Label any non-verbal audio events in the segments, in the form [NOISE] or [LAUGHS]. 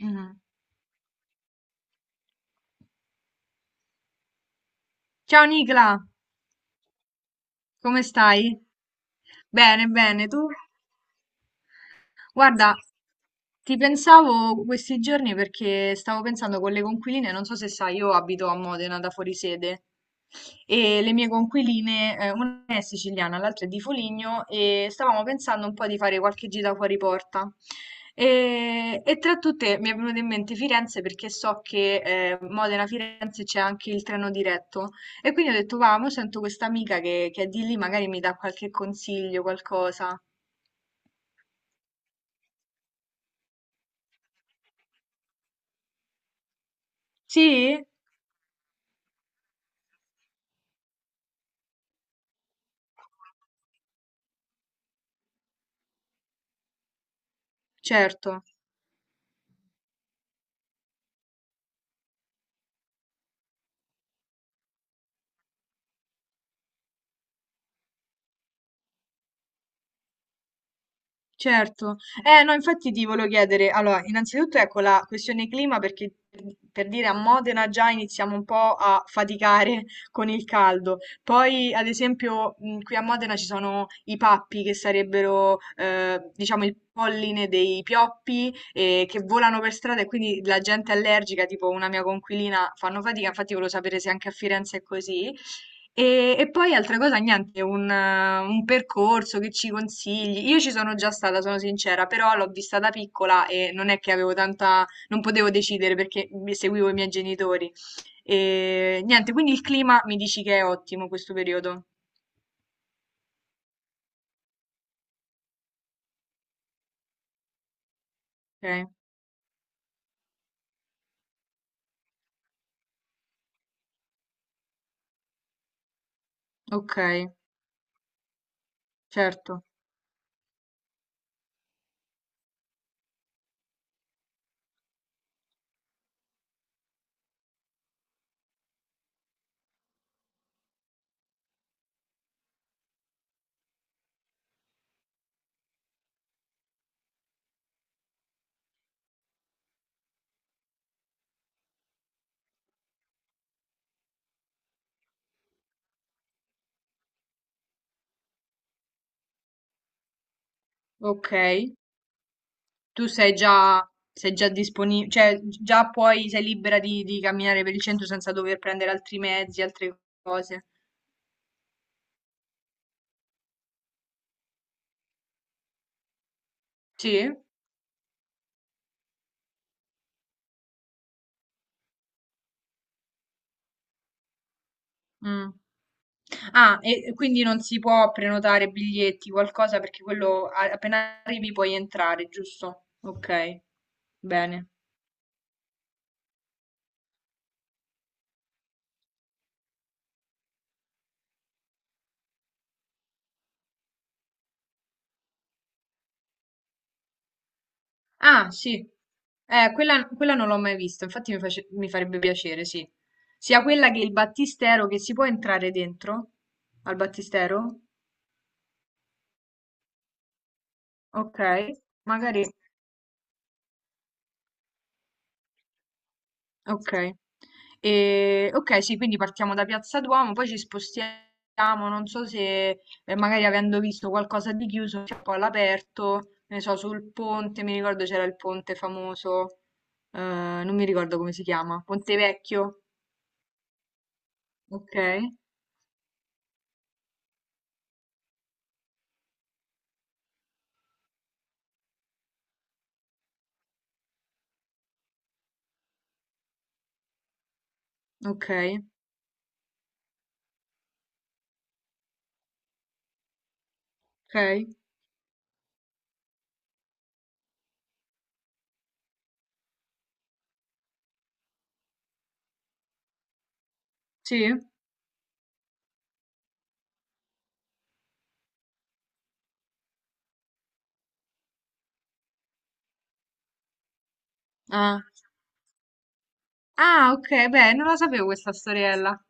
Mm. Ciao Nicla, come stai? Bene, bene, tu? Guarda, ti pensavo questi giorni perché stavo pensando con le conquiline, non so se sai, io abito a Modena da fuori sede e le mie conquiline, una è siciliana, l'altra è di Foligno e stavamo pensando un po' di fare qualche gita fuori porta. E tra tutte mi è venuta in mente Firenze perché so che Modena-Firenze c'è anche il treno diretto e quindi ho detto, va, mo sento questa amica che è di lì, magari mi dà qualche consiglio, qualcosa. Sì? Certo. Certo, no, infatti ti volevo chiedere, allora, innanzitutto ecco la questione clima perché per dire a Modena già iniziamo un po' a faticare [LAUGHS] con il caldo, poi ad esempio qui a Modena ci sono i pappi che sarebbero diciamo il polline dei pioppi che volano per strada e quindi la gente allergica, tipo una mia conquilina, fanno fatica, infatti volevo sapere se anche a Firenze è così. E poi altra cosa, niente, un percorso che ci consigli. Io ci sono già stata, sono sincera, però l'ho vista da piccola e non è che avevo tanta, non potevo decidere perché seguivo i miei genitori. E niente, quindi il clima mi dici che è ottimo questo periodo. Ok, ok, certo. Ok, tu sei già disponibile, cioè già puoi, sei libera di camminare per il centro senza dover prendere altri mezzi, altre cose. Sì? Mm. Ah, e quindi non si può prenotare biglietti, qualcosa, perché quello appena arrivi puoi entrare, giusto? Ok, bene. Ah, sì. Quella, quella non l'ho mai vista, infatti mi, mi farebbe piacere, sì. Sia quella che il battistero, che si può entrare dentro al battistero? Ok, magari. Ok, E- ok, sì, quindi partiamo da Piazza Duomo, poi ci spostiamo, non so se magari avendo visto qualcosa di chiuso, c'è un po' all'aperto, ne so, sul ponte, mi ricordo c'era il ponte famoso, eh, non mi ricordo come si chiama, Ponte Vecchio, ok, ok, ok, sì, ah, Ah, ok, beh, non la sapevo questa storiella.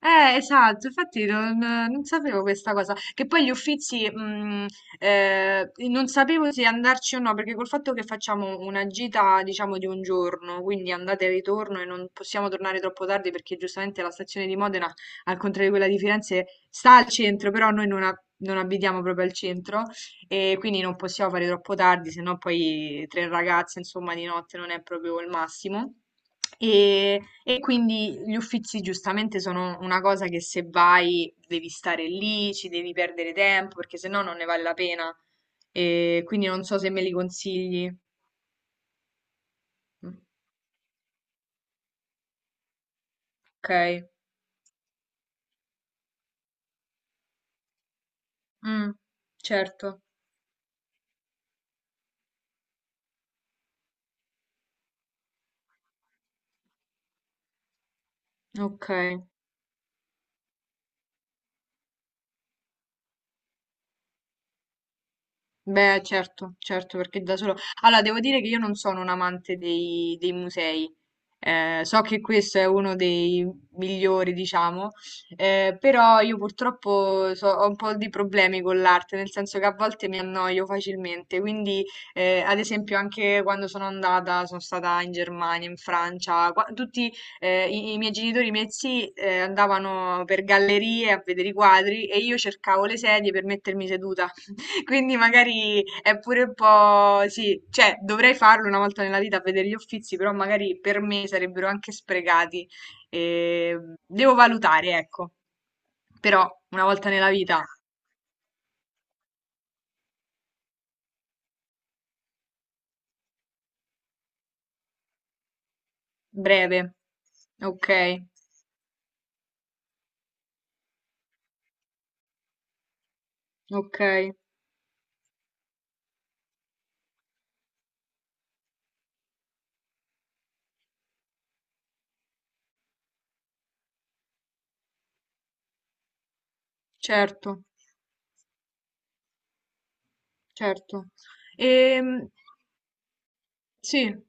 Esatto, infatti non, non sapevo questa cosa, che poi gli Uffizi, non sapevo se andarci o no, perché col fatto che facciamo una gita, diciamo, di un giorno, quindi andate e ritorno e non possiamo tornare troppo tardi perché giustamente la stazione di Modena, al contrario di quella di Firenze, sta al centro, però noi non, non abitiamo proprio al centro, e quindi non possiamo fare troppo tardi, se no poi tre ragazze, insomma, di notte non è proprio il massimo. E quindi gli uffizi giustamente sono una cosa che se vai devi stare lì, ci devi perdere tempo, perché se no non ne vale la pena. E quindi non so se me li consigli. Mm, Ok. Mm, certo. Ok. Beh, certo, certo, perché da solo... Allora, devo dire che io non sono un amante dei, dei musei. So che questo è uno dei migliori, diciamo, però io purtroppo ho un po' di problemi con l'arte, nel senso che a volte mi annoio facilmente, quindi ad esempio anche quando sono andata, sono stata in Germania, in Francia, tutti i miei genitori, i miei zii andavano per gallerie a vedere i quadri e io cercavo le sedie per mettermi seduta quindi magari è pure un po', sì, cioè dovrei farlo una volta nella vita a vedere gli Uffizi, però magari per me sarebbero anche sprecati. E devo valutare, ecco. Però una volta nella vita, breve. Ok, ok, certo, certo. Ehm, sì.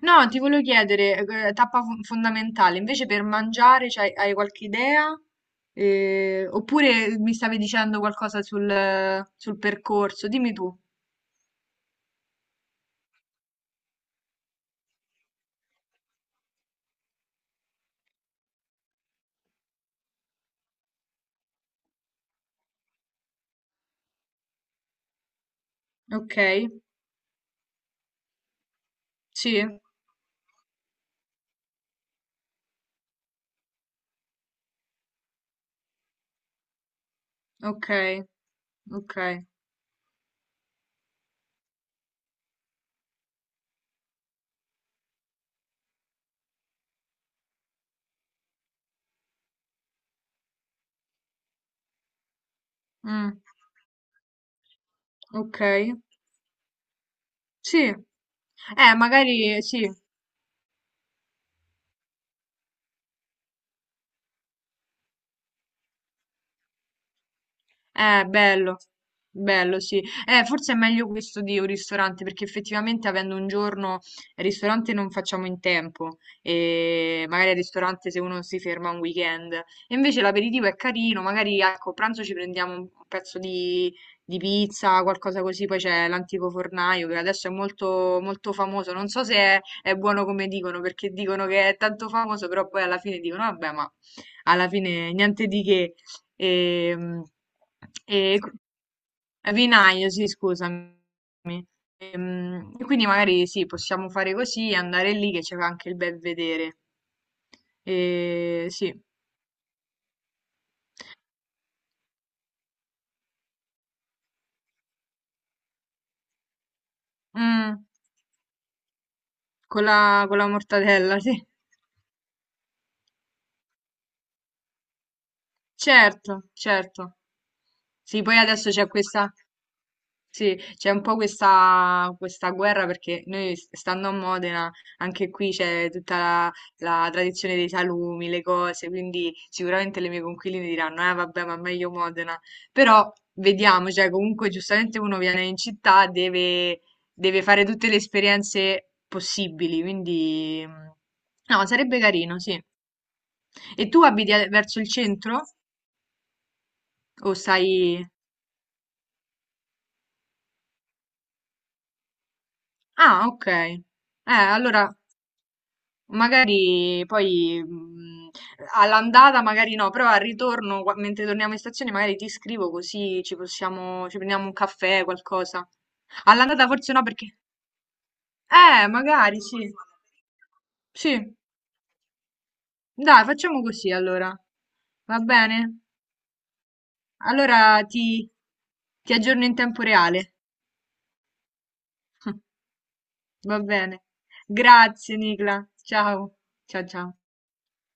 No, ti volevo chiedere, tappa fondamentale, invece per mangiare hai qualche idea? Oppure mi stavi dicendo qualcosa sul, sul percorso? Dimmi tu. Ok, sì, ok, ok, mm, ok, sì. Magari sì, bello, bello, sì. Forse è meglio questo di un ristorante, perché effettivamente avendo un giorno il ristorante non facciamo in tempo, e magari al ristorante se uno si ferma un weekend. E invece l'aperitivo è carino, magari ecco, a pranzo ci prendiamo un pezzo di pizza, qualcosa così, poi c'è l'antico fornaio che adesso è molto, molto famoso. Non so se è, è buono come dicono, perché dicono che è tanto famoso, però poi alla fine dicono, vabbè, ma alla fine niente di che. Ehm, e vinaio, sì, scusami. E, quindi magari sì, possiamo fare così, andare lì che c'è anche il bel vedere. E, sì, Mm, con la mortadella, sì. Certo, certo. Sì, poi adesso c'è questa... Sì, c'è un po' questa guerra perché noi, stando a Modena, anche qui c'è tutta la, la tradizione dei salumi, le cose, quindi sicuramente le mie conquiline diranno, eh vabbè, ma meglio Modena. Però vediamo, cioè comunque giustamente uno viene in città, deve, deve fare tutte le esperienze possibili, quindi mm, no, sarebbe carino, sì. E tu abiti verso il centro? O stai... Ah, ok. Allora... Magari poi all'andata, magari no, però al ritorno, mentre torniamo in stazione, magari ti scrivo così ci possiamo, ci prendiamo un caffè, qualcosa. All'andata forse no, perché... magari sì. Sì, dai, facciamo così allora. Va bene? Allora ti aggiorno in tempo reale. [LAUGHS] Va bene. Grazie, Nicla. Ciao. Ciao, ciao.